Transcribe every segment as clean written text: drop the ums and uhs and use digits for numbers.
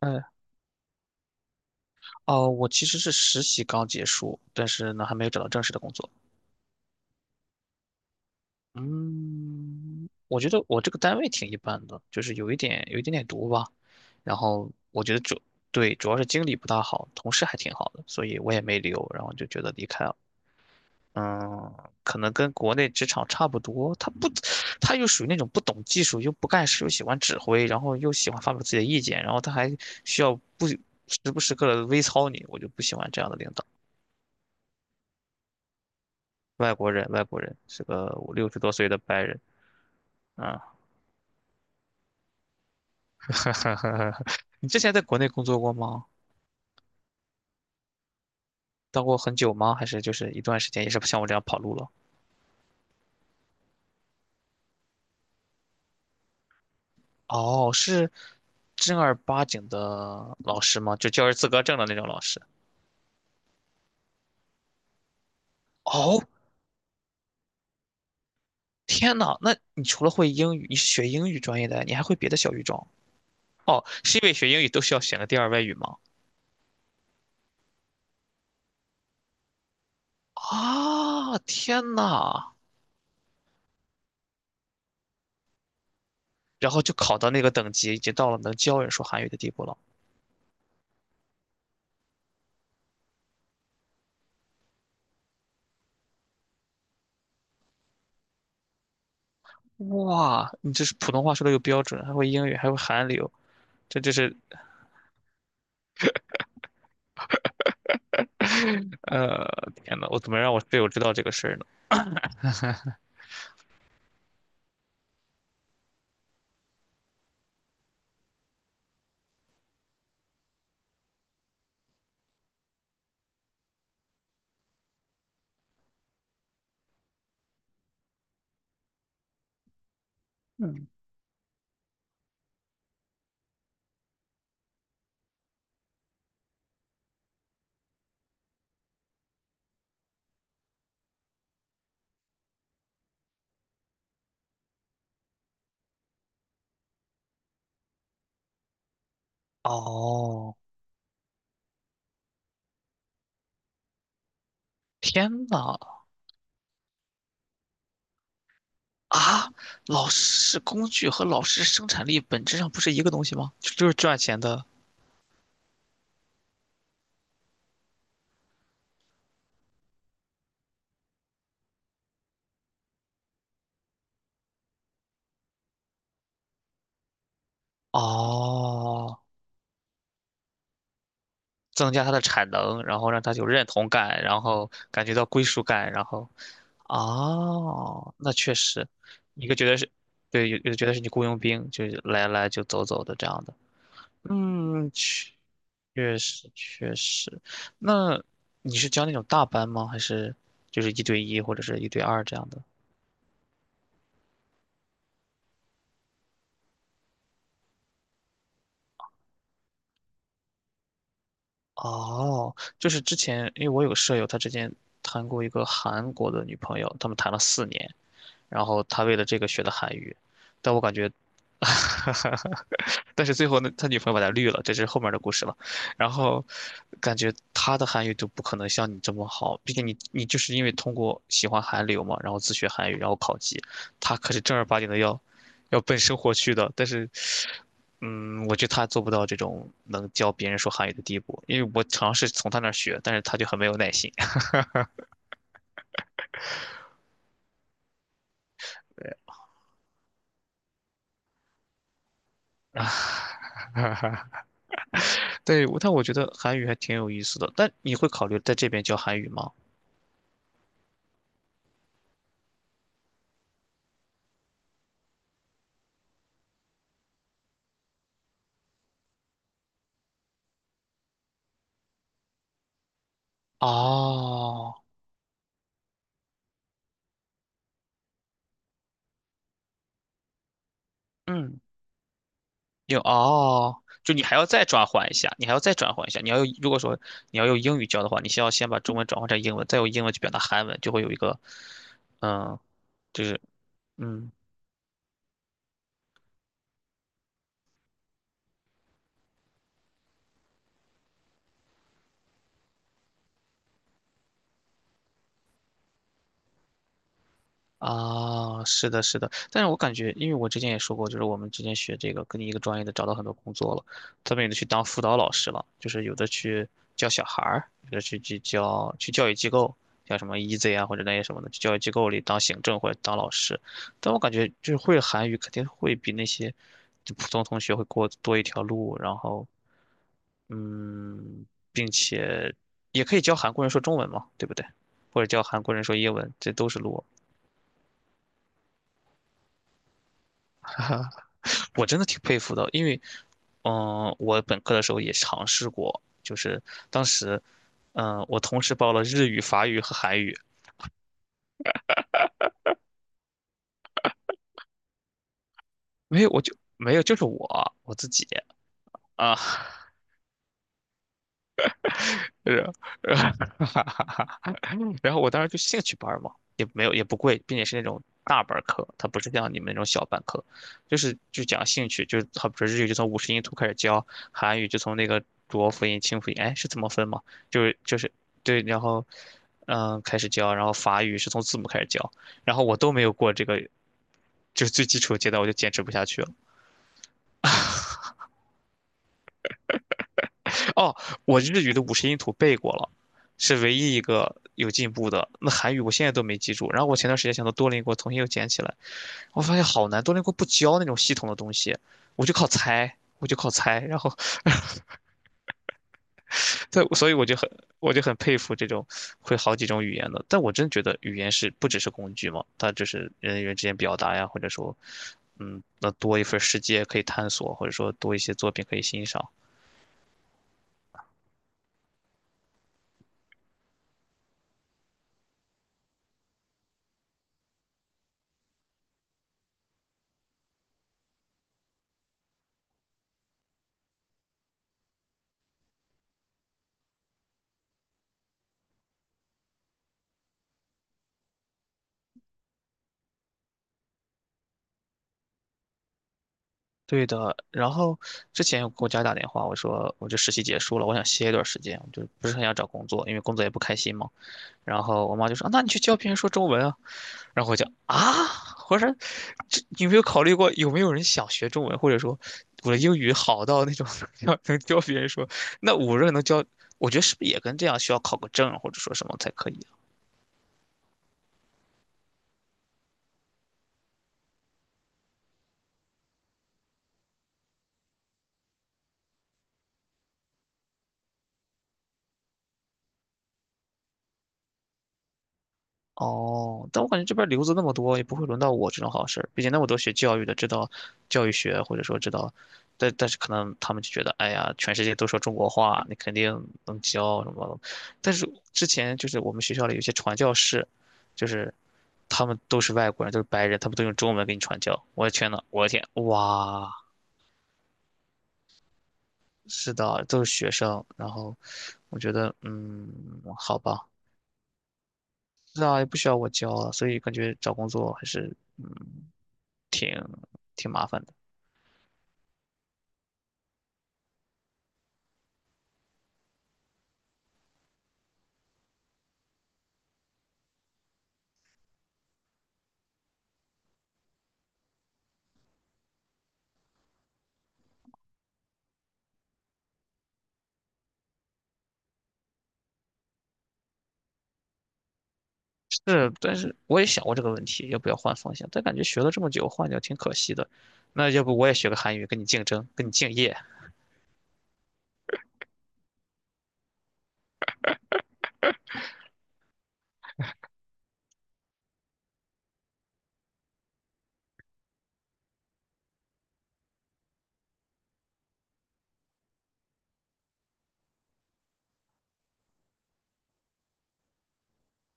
嗯，哦，我其实是实习刚结束，但是呢，还没有找到正式的工作。嗯，我觉得我这个单位挺一般的，就是有一点点毒吧。然后我觉得。对，主要是经理不大好，同事还挺好的，所以我也没留，然后就觉得离开了。嗯，可能跟国内职场差不多，他不，他又属于那种不懂技术，又不干事，又喜欢指挥，然后又喜欢发表自己的意见，然后他还需要不时刻的微操你，我就不喜欢这样的领导。外国人是个五六十多岁的白人啊。你之前在国内工作过吗？当过很久吗？还是就是一段时间，也是像我这样跑路了？哦，是正儿八经的老师吗？就教师资格证的那种老师？哦，天呐，那你除了会英语，你是学英语专业的，你还会别的小语种？哦，是因为学英语都需要选个第二外语吗？啊，天呐，然后就考到那个等级，已经到了能教人说韩语的地步了。哇，你这是普通话说的又标准，还会英语，还会韩流，这这是呃，天呐，我怎么让我队友知道这个事儿呢？嗯，哦，天呐，啊，老师工具和老师生产力本质上不是一个东西吗？就是赚钱的。哦，增加他的产能，然后让他有认同感，然后感觉到归属感，然后，哦，那确实，一个觉得是，对，有的觉得是你雇佣兵，就是来来就走走的这样的。嗯，确实确实。那你是教那种大班吗？还是就是一对一或者是一对二这样的？哦，就是之前因为我有个舍友，他之前谈过一个韩国的女朋友，他们谈了4年，然后他为了这个学的韩语，但我感觉，但是最后呢，他女朋友把他绿了，这是后面的故事了。然后感觉他的韩语就不可能像你这么好，毕竟你就是因为通过喜欢韩流嘛，然后自学韩语，然后考级，他可是正儿八经的要奔生活去的。但是，嗯，我觉得他做不到这种能教别人说韩语的地步，因为我尝试从他那儿学，但是他就很没有耐心。对，但我觉得韩语还挺有意思的。但你会考虑在这边教韩语吗？哦，嗯，有哦，就你还要再转换一下，你还要再转换一下。你要用，如果说你要用英语教的话，你先要先把中文转换成英文，再用英文去表达韩文，就会有一个，嗯，就是嗯，啊，是的，是的，但是我感觉，因为我之前也说过，就是我们之前学这个，跟你一个专业的找到很多工作了，他们有的去当辅导老师了，就是有的去教小孩儿，有的去教育机构，像什么 EASY 啊或者那些什么的，去教育机构里当行政或者当老师。但我感觉就是会韩语肯定会比那些就普通同学会过多一条路，然后嗯，并且也可以教韩国人说中文嘛，对不对？或者教韩国人说英文，这都是路。我真的挺佩服的，因为，我本科的时候也尝试过，就是当时，我同时报了日语、法语和韩语，没有，我就没有，就是我自己啊，然后 然后我当时就兴趣班儿嘛，也没有也不贵，并且是那种大班儿课，它不是像你们那种小班课，就讲兴趣，就是好比说日语就从五十音图开始教，韩语就从那个浊辅音、清辅音，哎，是怎么分嘛？就是对，然后开始教，然后法语是从字母开始教，然后我都没有过这个，就是最基础的阶段，我就坚持不下去了。哦，我日语的五十音图背过了，是唯一一个有进步的。那韩语我现在都没记住。然后我前段时间想到多邻国重新又捡起来，我发现好难，多邻国不教那种系统的东西，我就靠猜，我就靠猜。然后，对，所以我就很佩服这种会好几种语言的。但我真觉得语言是不只是工具嘛，它就是人与人之间表达呀，或者说，那多一份世界可以探索，或者说多一些作品可以欣赏。对的，然后之前有给我家打电话，我说我这实习结束了，我想歇一段时间，我就不是很想找工作，因为工作也不开心嘛。然后我妈就说："啊那你去教别人说中文啊。"然后我就啊，我说这你有没有考虑过有没有人想学中文，或者说我的英语好到那种 要能教别人说？那我这能教，我觉得是不是也跟这样需要考个证或者说什么才可以？哦，但我感觉这边留子那么多，也不会轮到我这种好事儿。毕竟那么多学教育的，知道教育学，或者说知道，但是可能他们就觉得，哎呀，全世界都说中国话，你肯定能教什么。但是之前就是我们学校里有些传教士，就是他们都是外国人，都是白人，他们都用中文给你传教。我的天呐，我的天，哇，是的，都是学生。然后我觉得，好吧。是啊，也不需要我教啊，所以感觉找工作还是挺挺麻烦的。是，但是我也想过这个问题，要不要换方向？但感觉学了这么久，换掉挺可惜的。那要不我也学个韩语，跟你竞争，跟你敬业。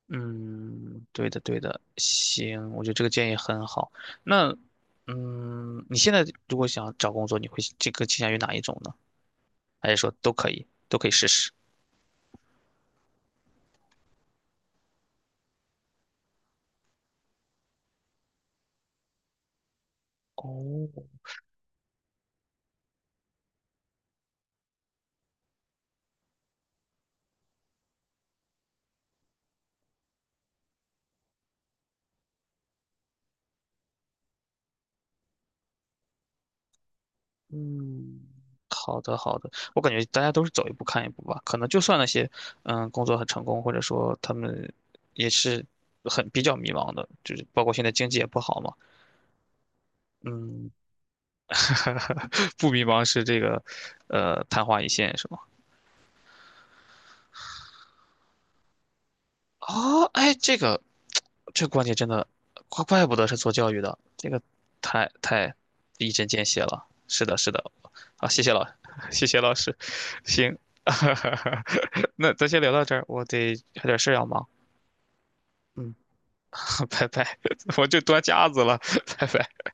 嗯，对的，对的，行，我觉得这个建议很好。那，你现在如果想找工作，你会这个倾向于哪一种呢？还是说都可以，都可以试试？哦，嗯，好的好的，我感觉大家都是走一步看一步吧。可能就算那些，工作很成功，或者说他们也是很比较迷茫的，就是包括现在经济也不好嘛。嗯，不迷茫是这个，昙花一现是吗？哦，哎，这个观点真的，怪不得是做教育的，这个太一针见血了。是的，是的，好，谢谢老，谢谢老师，行，那咱先聊到这儿，我得还有点事儿要忙，嗯，拜拜，我就端架子了，拜拜。